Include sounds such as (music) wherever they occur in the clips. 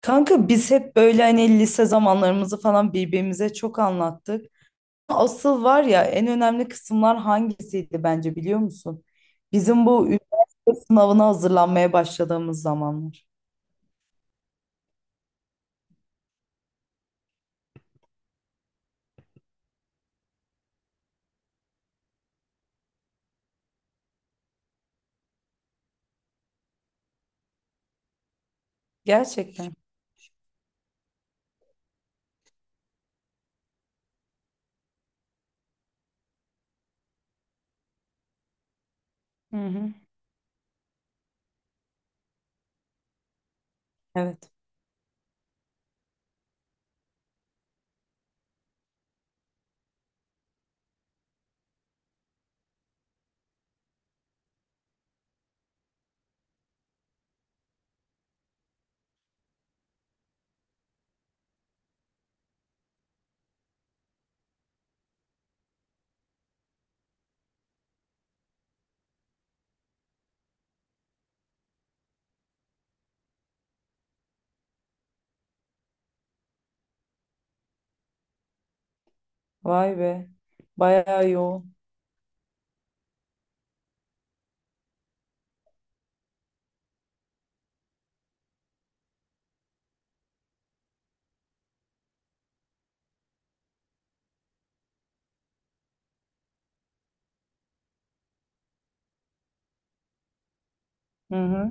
Kanka biz hep böyle hani lise zamanlarımızı falan birbirimize çok anlattık. Asıl var ya en önemli kısımlar hangisiydi bence biliyor musun? Bizim bu üniversite sınavına hazırlanmaya başladığımız zamanlar. Gerçekten. Hı hı. Evet. Vay be. Bayağı yoğun. Hı hı.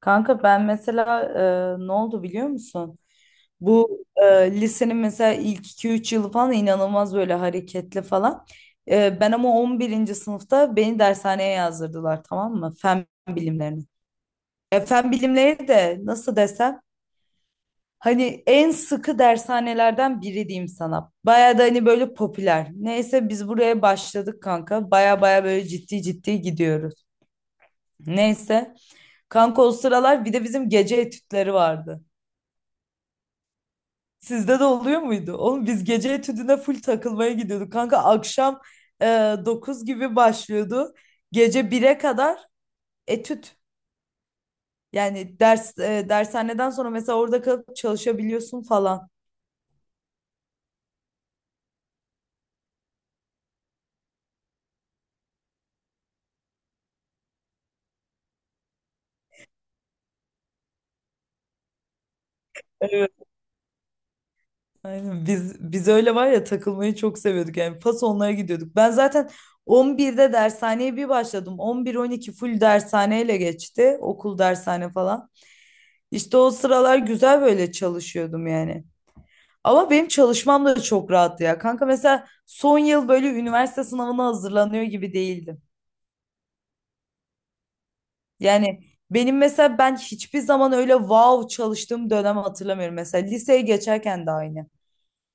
Kanka ben mesela ne oldu biliyor musun? Bu lisenin mesela ilk 2-3 yılı falan inanılmaz böyle hareketli falan. Ben ama 11. sınıfta beni dershaneye yazdırdılar, tamam mı? Fen bilimlerini. Fen bilimleri de nasıl desem hani en sıkı dershanelerden biri diyeyim sana. Baya da hani böyle popüler. Neyse biz buraya başladık kanka. Baya baya böyle ciddi ciddi gidiyoruz. Neyse. Kanka o sıralar bir de bizim gece etütleri vardı. Sizde de oluyor muydu? Oğlum biz gece etüdüne full takılmaya gidiyorduk. Kanka akşam e, 9 gibi başlıyordu. Gece 1'e kadar etüt. Yani dershaneden sonra mesela orada kalıp çalışabiliyorsun falan. Evet. Aynen. Biz öyle var ya takılmayı çok seviyorduk. Yani pas onlara gidiyorduk. Ben zaten 11'de dershaneye bir başladım. 11, 12 full dershaneyle geçti. Okul dershane falan. İşte o sıralar güzel böyle çalışıyordum yani. Ama benim çalışmam da çok rahattı ya. Kanka mesela son yıl böyle üniversite sınavına hazırlanıyor gibi değildim. Yani benim mesela ben hiçbir zaman öyle wow çalıştığım dönem hatırlamıyorum. Mesela liseye geçerken de aynı.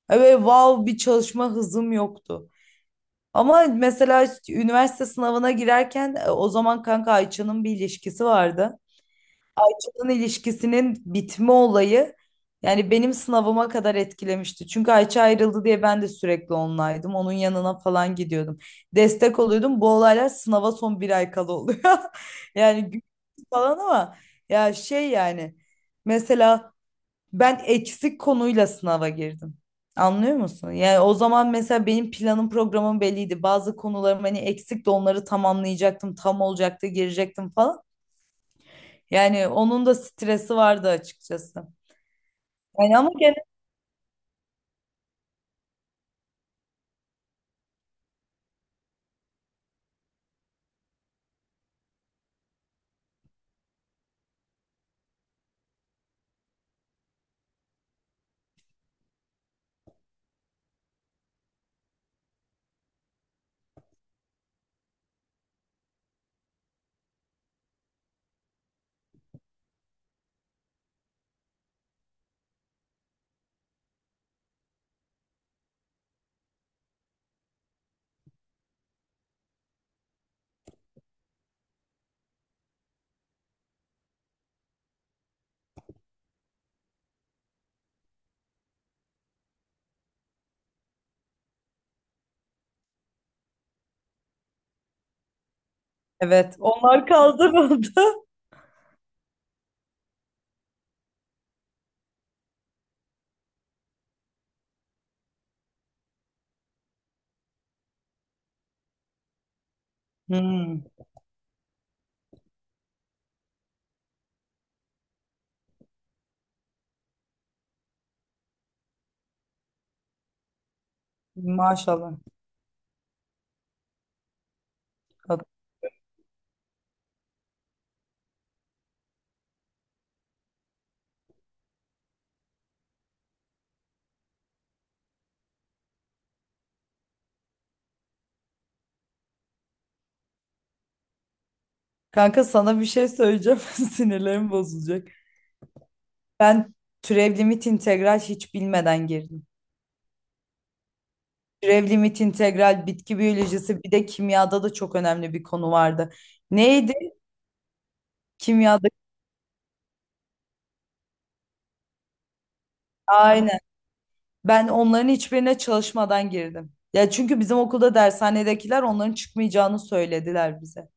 Öyle wow bir çalışma hızım yoktu. Ama mesela üniversite sınavına girerken o zaman kanka Ayça'nın bir ilişkisi vardı. İnsan ilişkisinin bitme olayı yani benim sınavıma kadar etkilemişti. Çünkü Ayça ayrıldı diye ben de sürekli onlaydım. Onun yanına falan gidiyordum. Destek oluyordum. Bu olaylar sınava son bir ay kala oluyor. (laughs) Yani gülüyoruz falan ama ya şey yani mesela ben eksik konuyla sınava girdim. Anlıyor musun? Yani o zaman mesela benim planım programım belliydi. Bazı konularım hani eksik de onları tamamlayacaktım. Tam olacaktı girecektim falan. Yani onun da stresi vardı açıkçası. Yani ama gene evet onlar kaldırıldı. (laughs) Hmm, maşallah. Kad- Kanka sana bir şey söyleyeceğim. (laughs) Sinirlerim bozulacak. Ben türev limit integral hiç bilmeden girdim. Türev limit integral bitki biyolojisi bir de kimyada da çok önemli bir konu vardı. Neydi? Kimyada. Aynen. Ben onların hiçbirine çalışmadan girdim. Ya çünkü bizim okulda dershanedekiler onların çıkmayacağını söylediler bize.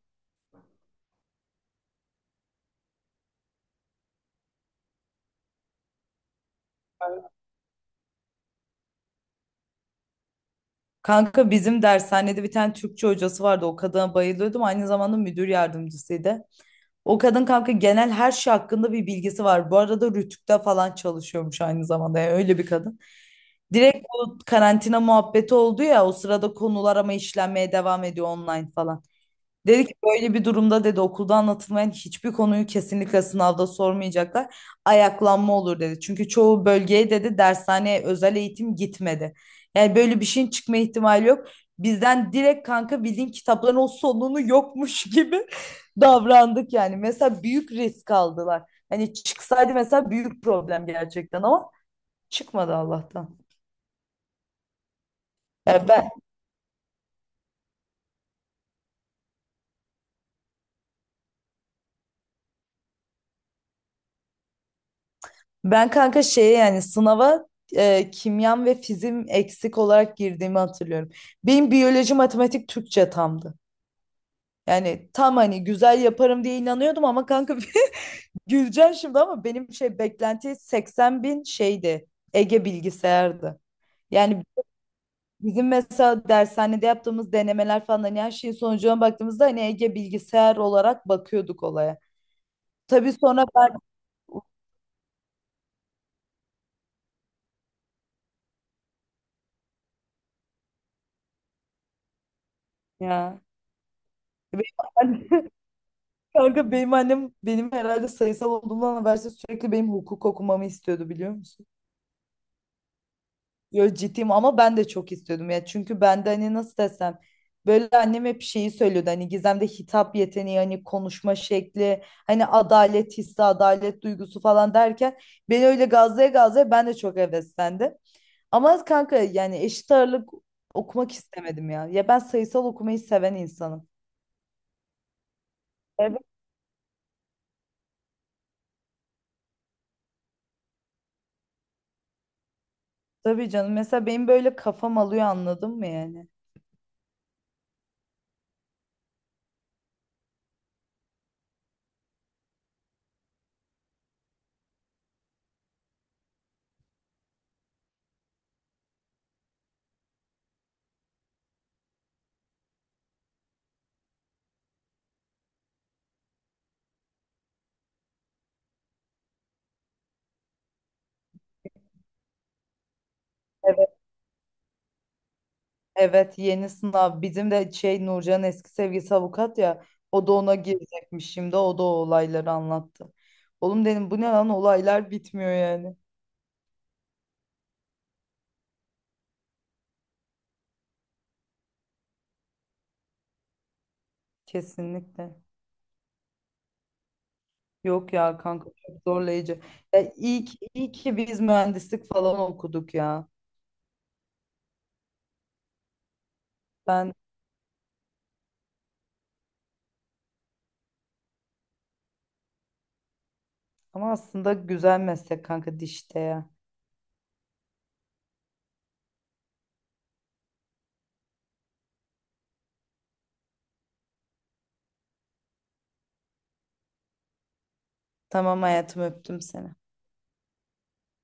Kanka bizim dershanede bir tane Türkçe hocası vardı. O kadına bayılıyordum. Aynı zamanda müdür yardımcısıydı. O kadın kanka genel her şey hakkında bir bilgisi var. Bu arada Rütük'te falan çalışıyormuş aynı zamanda. Yani öyle bir kadın. Direkt bu karantina muhabbeti oldu ya o sırada konular ama işlenmeye devam ediyor online falan. Dedi ki böyle bir durumda dedi okulda anlatılmayan hiçbir konuyu kesinlikle sınavda sormayacaklar. Ayaklanma olur dedi. Çünkü çoğu bölgeye dedi dershaneye özel eğitim gitmedi. Yani böyle bir şeyin çıkma ihtimali yok. Bizden direkt kanka bildiğin kitapların o sonunu yokmuş (laughs) gibi davrandık yani. Mesela büyük risk aldılar. Hani çıksaydı mesela büyük problem gerçekten ama çıkmadı Allah'tan. Yani ben Ben kanka şeye yani sınava kimyam ve fizim eksik olarak girdiğimi hatırlıyorum. Benim biyoloji, matematik, Türkçe tamdı. Yani tam hani güzel yaparım diye inanıyordum ama kanka (laughs) güleceksin şimdi ama benim şey beklenti 80 bin şeydi. Ege bilgisayardı. Yani bizim mesela dershanede yaptığımız denemeler falan hani her şeyin sonucuna baktığımızda hani Ege bilgisayar olarak bakıyorduk olaya. Tabii sonra ben ya. (laughs) Kanka benim annem benim herhalde sayısal olduğumdan habersiz sürekli benim hukuk okumamı istiyordu biliyor musun? Yo ciddiyim ama ben de çok istiyordum ya. Çünkü ben de hani nasıl desem böyle annem hep şeyi söylüyordu hani Gizem'de hitap yeteneği hani konuşma şekli hani adalet hissi adalet duygusu falan derken beni öyle gazlaya gazlaya ben de çok heveslendim. Ama kanka yani eşit ağırlık okumak istemedim ya. Ya ben sayısal okumayı seven insanım. Evet. Tabii canım mesela benim böyle kafam alıyor anladın mı yani? Evet, evet yeni sınav. Bizim de şey Nurcan'ın eski sevgilisi avukat ya. O da ona girecekmiş şimdi. O da o olayları anlattı. Oğlum dedim bu ne lan olaylar bitmiyor yani. Kesinlikle. Yok ya kanka çok zorlayıcı. Ya iyi ki, iyi ki biz mühendislik falan okuduk ya. Ben ama aslında güzel meslek kanka dişte ya. Tamam hayatım öptüm seni.